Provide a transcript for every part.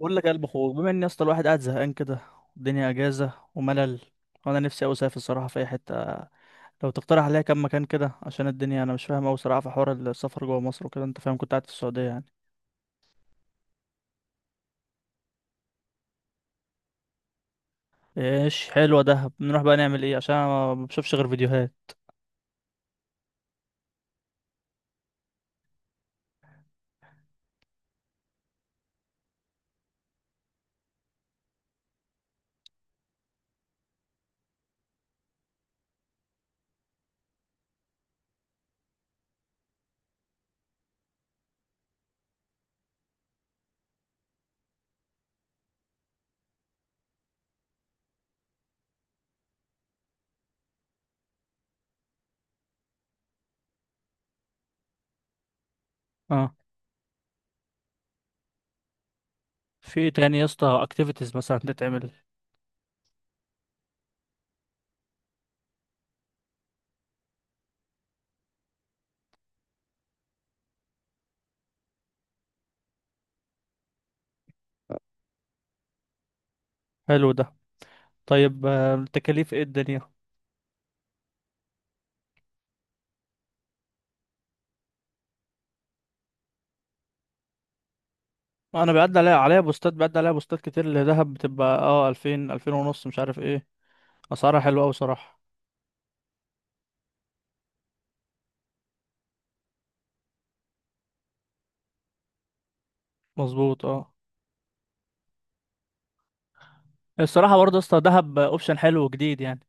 بقول لك يا قلب اخوك، بما ان يا اسطى الواحد قاعد زهقان كده، والدنيا اجازه وملل، وانا نفسي اوي اسافر الصراحه في اي حته. لو تقترح عليا كام مكان كده عشان الدنيا، انا مش فاهم اوي صراحه في حوار السفر جوه مصر وكده. انت فاهم كنت قاعد في السعوديه يعني. ايش، حلوه دهب. نروح بقى نعمل ايه عشان أنا ما بشوفش غير فيديوهات. اه. في إيه تاني يا اسطى اكتيفيتيز مثلا تتعمل؟ حلو ده. طيب، التكاليف ايه الدنيا؟ انا بيعدي عليا بوستات كتير لدهب، بتبقى اه 2000 2000 ونص مش عارف ايه. اسعارها حلوه اوي صراحه. مظبوط اه. الصراحة برضه يا اسطى، دهب اوبشن حلو وجديد يعني.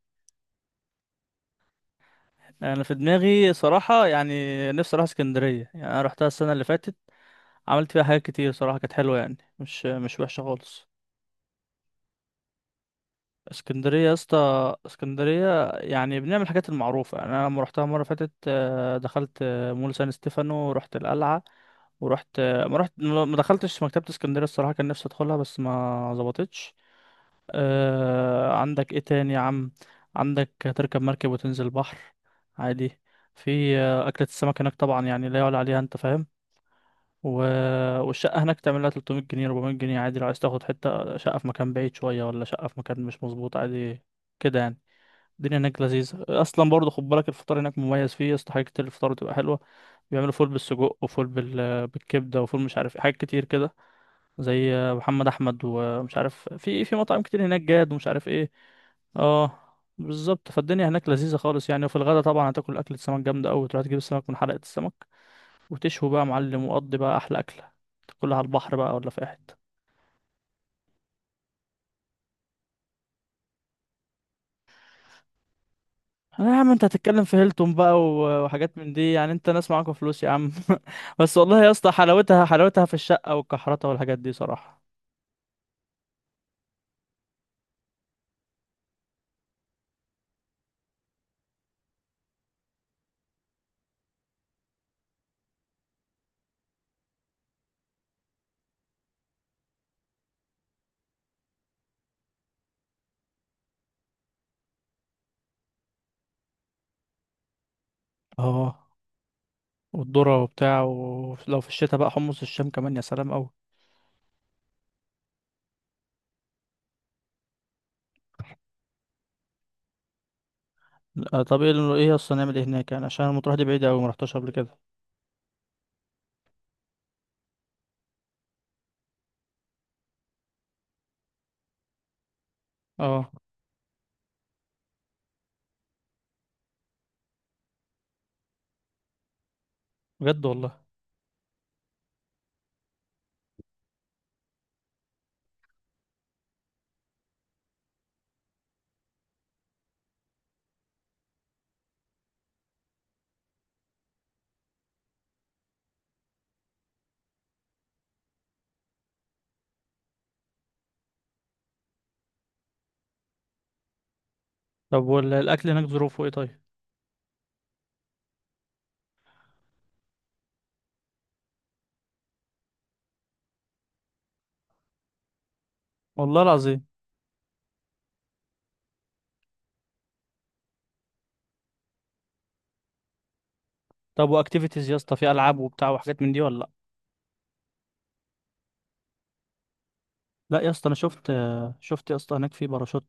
انا في دماغي صراحة يعني، نفسي اروح اسكندرية يعني. انا رحتها السنة اللي فاتت، عملت فيها حاجات كتير صراحة، كانت حلوة يعني، مش وحشة خالص. اسكندرية يا اسطى، اسكندرية يعني بنعمل الحاجات المعروفة يعني. انا لما رحتها مرة فاتت دخلت مول سان ستيفانو، ورحت القلعة. ورحت، ما رحت، ما دخلتش مكتبة اسكندرية الصراحة، كان نفسي ادخلها بس ما ظبطتش. آه، عندك ايه تاني يا عم؟ عندك تركب مركب وتنزل بحر عادي. في أكلة السمك هناك طبعا يعني لا يعلى عليها، انت فاهم. و... والشقة هناك تعمل لها 300 جنيه 400 جنيه عادي، لو عايز تاخد حتة شقة في مكان بعيد شوية، ولا شقة في مكان مش مظبوط عادي كده يعني. الدنيا هناك لذيذة أصلا برضه، خد بالك الفطار هناك مميز، فيه يا اسطى حاجات كتير، الفطار بتبقى حلوة. بيعملوا فول بالسجق وفول بالكبدة وفول مش عارف إيه، حاجات كتير كده، زي محمد احمد ومش عارف، في مطاعم كتير هناك، جاد ومش عارف ايه. اه، بالظبط. فالدنيا هناك لذيذه خالص يعني، وفي الغدا طبعا هتاكل اكله سمك جامده قوي، تروح تجيب السمك من حلقه السمك وتشوي بقى يا معلم، وقضي بقى احلى اكله، تاكلها على البحر بقى ولا في اي حته. آه يا عم، انت هتتكلم في هيلتون بقى وحاجات من دي يعني، انت ناس معاكوا فلوس يا عم. بس والله يا اسطى، حلاوتها حلاوتها في الشقه والكحرته والحاجات دي صراحه. اه. والذره وبتاع، ولو في الشتاء بقى حمص الشام كمان، يا سلام قوي. طب ايه ايه اصلا نعمل ايه هناك يعني؟ عشان المطروح دي بعيدة اوي، ما رحتهاش قبل كده. اه بجد والله. طب والاكل هناك ظروفه ايه طيب؟ والله العظيم. طب واكتيفيتيز يا اسطى، في العاب وبتاع وحاجات من دي ولا لا؟ لا يا اسطى، انا شفت، يا اسطى هناك في باراشوت،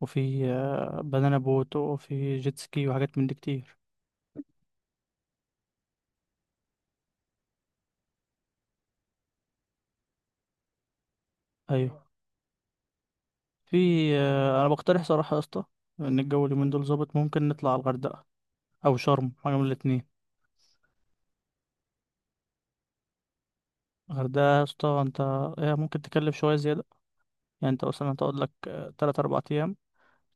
وفي بنانا بوت، وفي جيت سكي وحاجات من دي كتير. ايوه. في انا بقترح صراحه يا اسطى، ان الجو اليومين دول ظابط، ممكن نطلع على الغردقه او شرم، حاجه من الاتنين. الغردقه يا اسطى، انت إيه ممكن تكلف شويه زياده، يعني انت مثلا تقعد لك 3 4 ايام،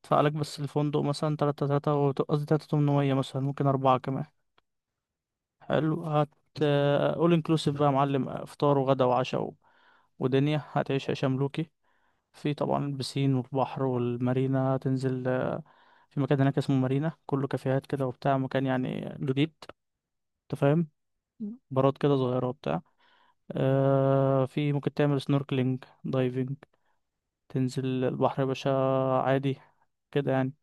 ادفع لك بس الفندق مثلا تلاتة تلاتة و- قصدي تلاتة تمنمية مثلا، ممكن أربعة كمان. حلو أول انكلوسيف بقى يا معلم، فطار وغدا وعشاء ودنيا، هتعيش عيشة ملوكي. في طبعا البسين والبحر والمارينا، هتنزل في مكان هناك اسمه مارينا، كله كافيهات كده وبتاع، مكان يعني جديد انت فاهم، بارات كده صغيرة وبتاع. في ممكن تعمل سنوركلينج دايفنج، تنزل البحر يا باشا عادي كده يعني.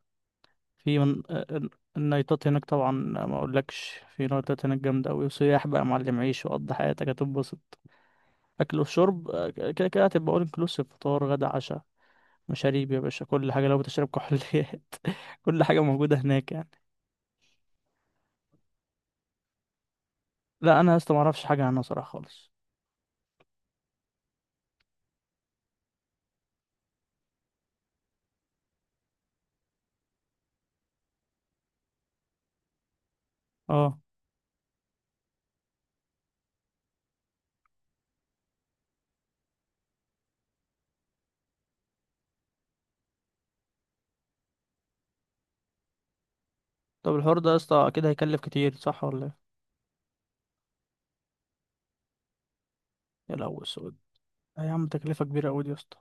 في من... آه، آه، النايتات هناك طبعا، ما اقولكش في نايتات هناك جامده قوي وسياح بقى يا معلم، عيش وقضي حياتك هتنبسط. اكل وشرب كده كده هتبقى اول انكلوسيف، فطار غدا عشاء، مشاريب يا باشا كل حاجه، لو بتشرب كحوليات كل حاجه موجوده هناك يعني. لا، انا يا اسطى ما اعرفش حاجه عنها صراحه خالص. اه. طب الحوار ده يا اسطى اكيد هيكلف كتير صح ولا ايه؟ يا لهوي السود. آه يا عم، تكلفه كبيره قوي دي يا اسطى.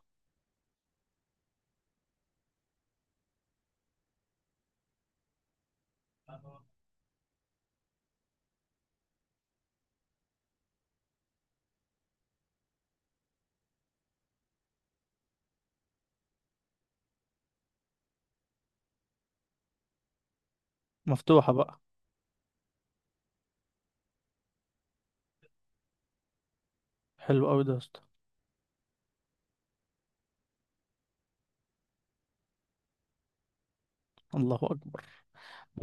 مفتوحه بقى. حلو قوي ده يا اسطى. الله اكبر.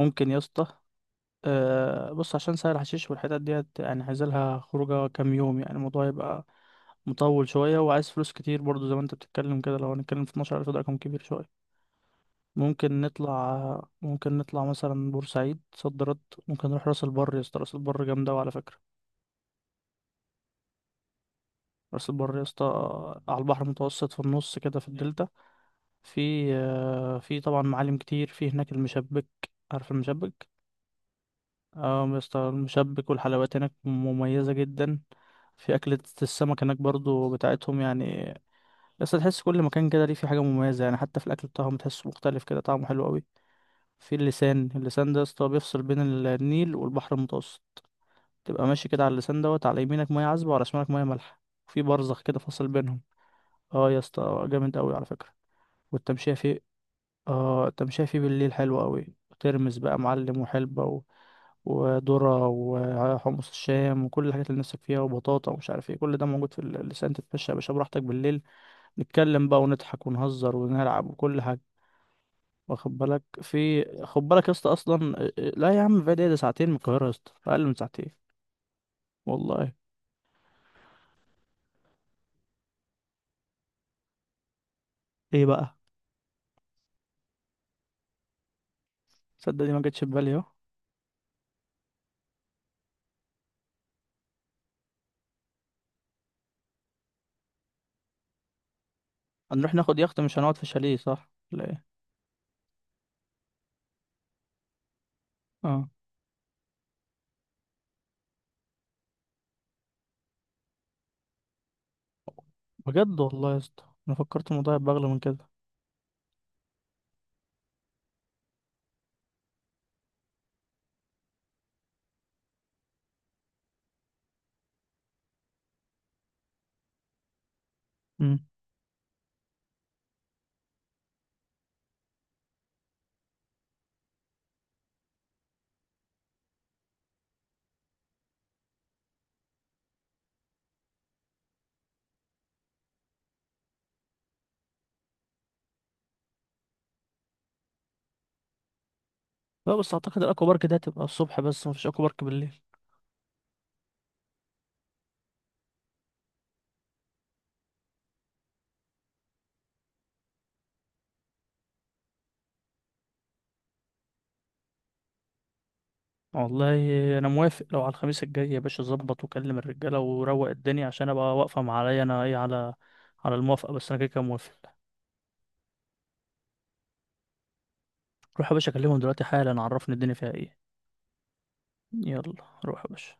ممكن يا اسطى. أه بص، عشان سهل حشيش والحتت ديت يعني، عايز لها خروجه كام يوم يعني، الموضوع يبقى مطول شويه وعايز فلوس كتير برضو، زي ما انت بتتكلم كده، لو هنتكلم في 12,000 ده رقم كبير شويه. ممكن نطلع مثلا بورسعيد، صد رد. ممكن نروح راس البر يا اسطى، راس البر جامده أوي على فكره. راس البر يا اسطى، على البحر المتوسط في النص كده في الدلتا. في طبعا معالم كتير في هناك، المشبك، عارف المشبك؟ اه، مستر المشبك، والحلويات هناك مميزة جدا. في أكلة السمك هناك برضو بتاعتهم يعني. بس تحس كل مكان كده ليه في حاجة مميزة يعني، حتى في الأكل بتاعهم تحسه مختلف كده، طعمه حلو قوي. في اللسان، اللسان ده يا اسطى بيفصل بين النيل والبحر المتوسط. تبقى ماشي كده على اللسان دوت، على يمينك مية عذبة وعلى شمالك مية مالحة، في برزخ كده فاصل بينهم. اه يا اسطى جامد قوي على فكرة، والتمشية فيه. اه، طب شايفي بالليل حلو قوي، ترمس بقى معلم وحلبة وذرة وحمص الشام وكل الحاجات اللي نفسك فيها وبطاطا ومش عارف ايه، كل ده موجود في اللسان. تتمشى يا باشا براحتك بالليل، نتكلم بقى ونضحك ونهزر ونلعب وكل حاجة، واخد بالك. في خد بالك يا اسطى اصلا لا يا عم فادي، إيه ده، ساعتين من القاهرة يا اسطى، اقل من ساعتين. والله. ايه بقى؟ تصدق دي ما جتش في بالي اهو. هنروح ناخد يخت مش هنقعد في شاليه، صح لا ايه؟ اه بجد والله يا اسطى، انا فكرت الموضوع يبقى اغلى من كده. إمم. لا بس اعتقد الاكوا بارك ده هتبقى الصبح بس، مفيش اكوا بارك بالليل. والله، انا موافق. لو على الخميس الجاي يا باشا، ظبط وكلم الرجاله وروق الدنيا عشان ابقى واقفه مع، عليا انا ايه، على الموافقه، بس انا كده كده موافق. روح يا باشا اكلمهم دلوقتي حالا، عرفني الدنيا فيها ايه. يلا. روح يا باشا.